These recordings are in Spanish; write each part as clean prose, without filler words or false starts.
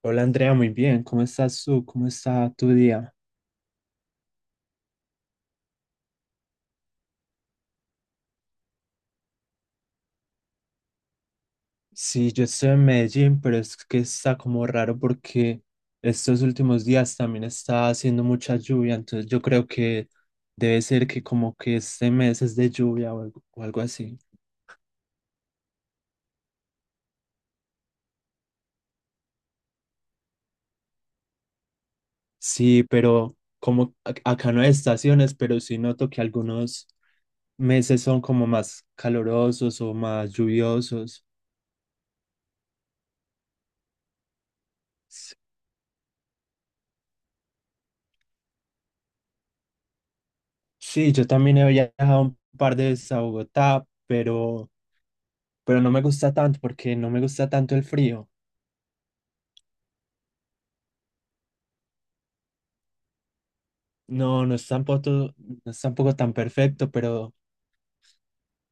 Hola Andrea, muy bien. ¿Cómo estás tú? ¿Cómo está tu día? Sí, yo estoy en Medellín, pero es que está como raro porque estos últimos días también está haciendo mucha lluvia, entonces yo creo que debe ser que como que este mes es de lluvia o algo así. Sí, pero como acá no hay estaciones, pero sí noto que algunos meses son como más calurosos o más lluviosos. S- Sí, yo también he viajado un par de veces a Bogotá, pero no me gusta tanto porque no me gusta tanto el frío. No, no es tampoco, no es tampoco tan perfecto,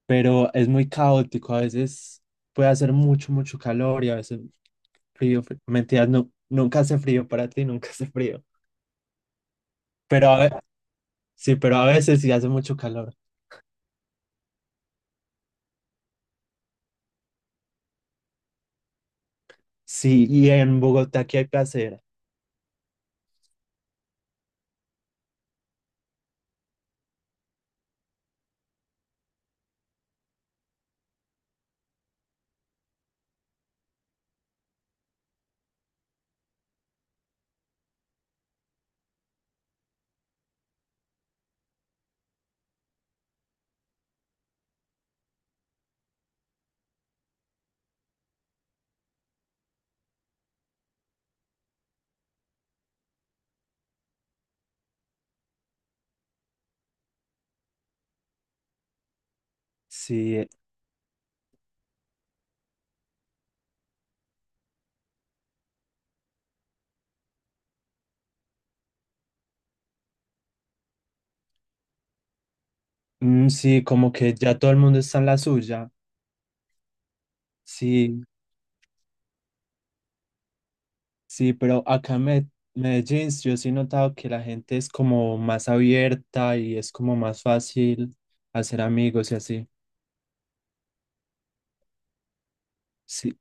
pero es muy caótico. A veces puede hacer mucho, mucho calor y a veces frío. Mentiras, no, nunca hace frío para ti, nunca hace frío. Pero a ve- sí, pero a veces sí hace mucho calor. Sí, y en Bogotá, ¿qué hay que hacer? Sí, mm, sí, como que ya todo el mundo está en la suya. Sí, sí, pero acá en Medellín yo sí he notado que la gente es como más abierta y es como más fácil hacer amigos y así. Sí.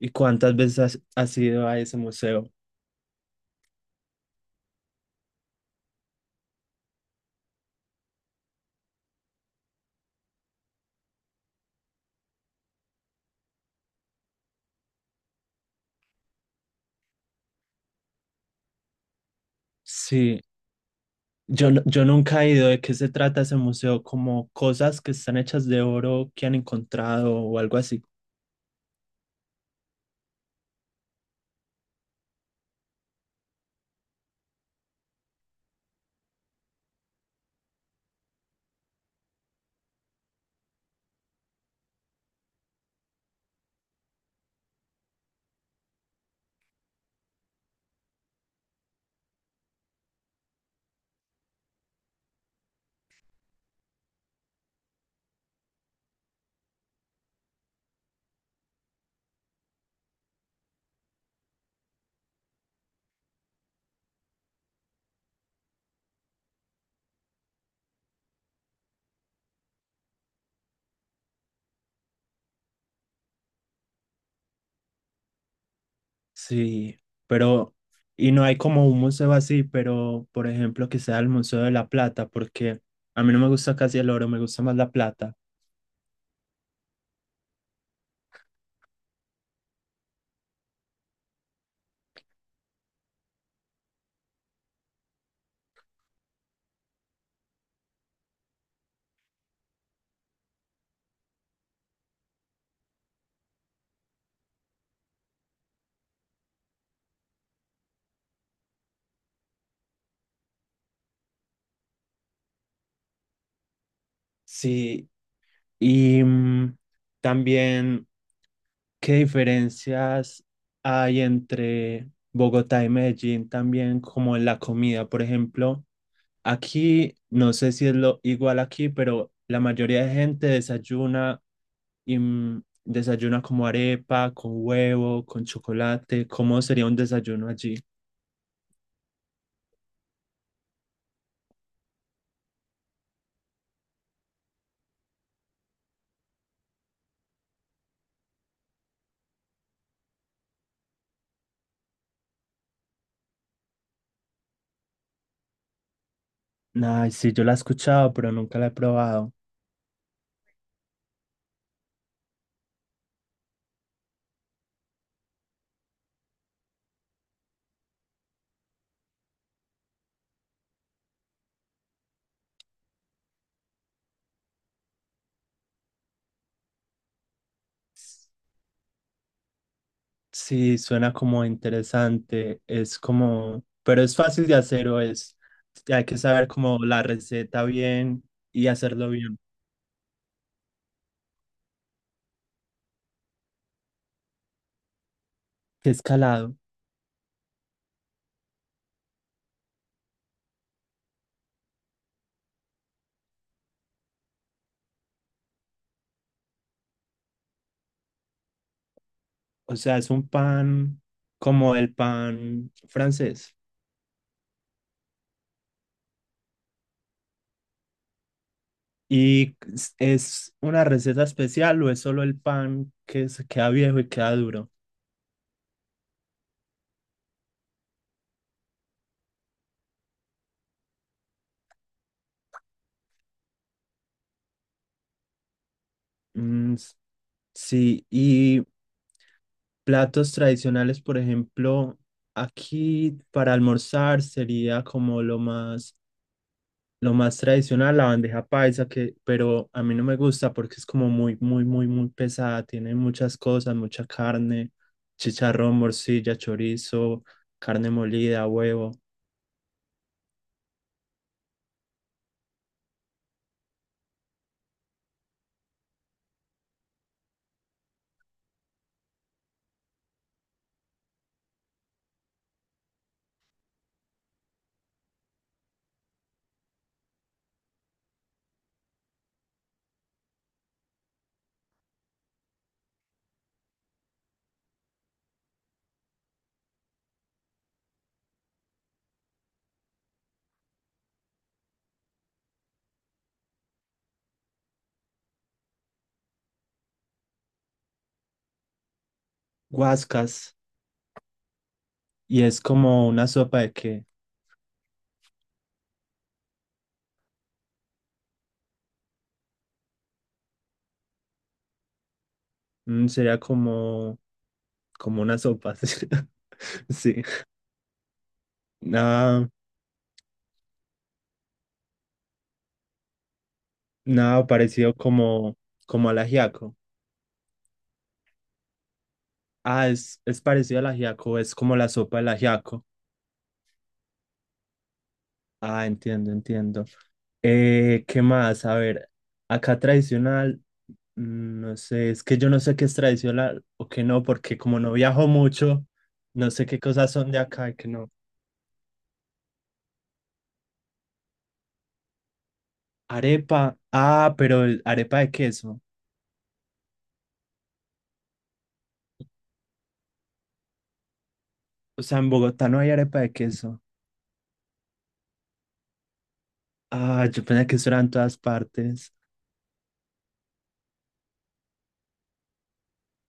¿Y cuántas veces has ido a ese museo? Sí, yo, yo nunca he ido. ¿De qué se trata ese museo? ¿Como cosas que están hechas de oro que han encontrado o algo así? Sí, pero y no hay como un museo así, pero por ejemplo que sea el Museo de la Plata, porque a mí no me gusta casi el oro, me gusta más la plata. Sí, y mm, también, ¿qué diferencias hay entre Bogotá y Medellín también como en la comida? Por ejemplo, aquí, no sé si es lo igual aquí, pero la mayoría de gente desayuna y mm, desayuna como arepa, con huevo, con chocolate. ¿Cómo sería un desayuno allí? Ay, sí, yo la he escuchado, pero nunca la he probado. Sí, suena como interesante. Es como, pero es fácil de hacer o es, hay que saber como la receta bien y hacerlo bien. ¿Qué escalado? O sea, es un pan como el pan francés. ¿Y es una receta especial o es solo el pan que se queda viejo y queda duro? Mm, sí, y platos tradicionales, por ejemplo, aquí para almorzar sería como lo más tradicional, la bandeja paisa, que, pero a mí no me gusta porque es como muy pesada. Tiene muchas cosas, mucha carne, chicharrón, morcilla, chorizo, carne molida, huevo, guascas. ¿Y es como una sopa de que mm, sería como, como una sopa? Sí, sí. Nada, nada parecido como, como al ajiaco. Ah, es parecido al ajiaco, es como la sopa del ajiaco. Ah, entiendo, entiendo. ¿Qué más? A ver, acá tradicional, mm, no sé, es que yo no sé qué es tradicional o qué no, porque como no viajo mucho, no sé qué cosas son de acá y qué no. Arepa, ah, pero arepa de queso. O sea, ¿en Bogotá no hay arepa de queso? Ah, yo pensé que eso era en todas partes.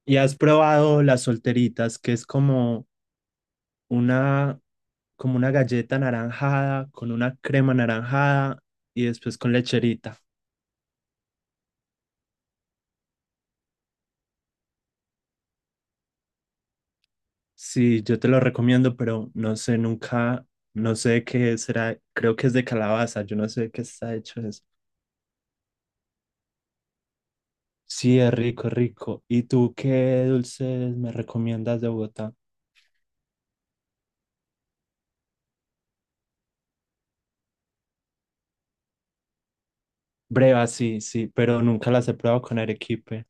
¿Y has probado las solteritas, que es una, como una galleta naranjada con una crema naranjada y después con lecherita? Sí, yo te lo recomiendo, pero no sé nunca, no sé de qué será, creo que es de calabaza, yo no sé de qué está hecho eso. Sí, es rico, es rico. ¿Y tú qué dulces me recomiendas de Bogotá? Brevas, sí, sí, pero nunca las he probado con arequipe.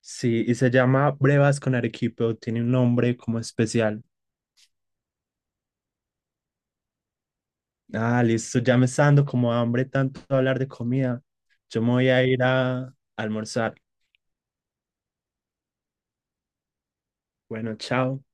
Sí, ¿y se llama brevas con arequipe o tiene un nombre como especial? Ah, listo, ya me está dando como hambre tanto hablar de comida. Yo me voy a ir a almorzar. Bueno, chao.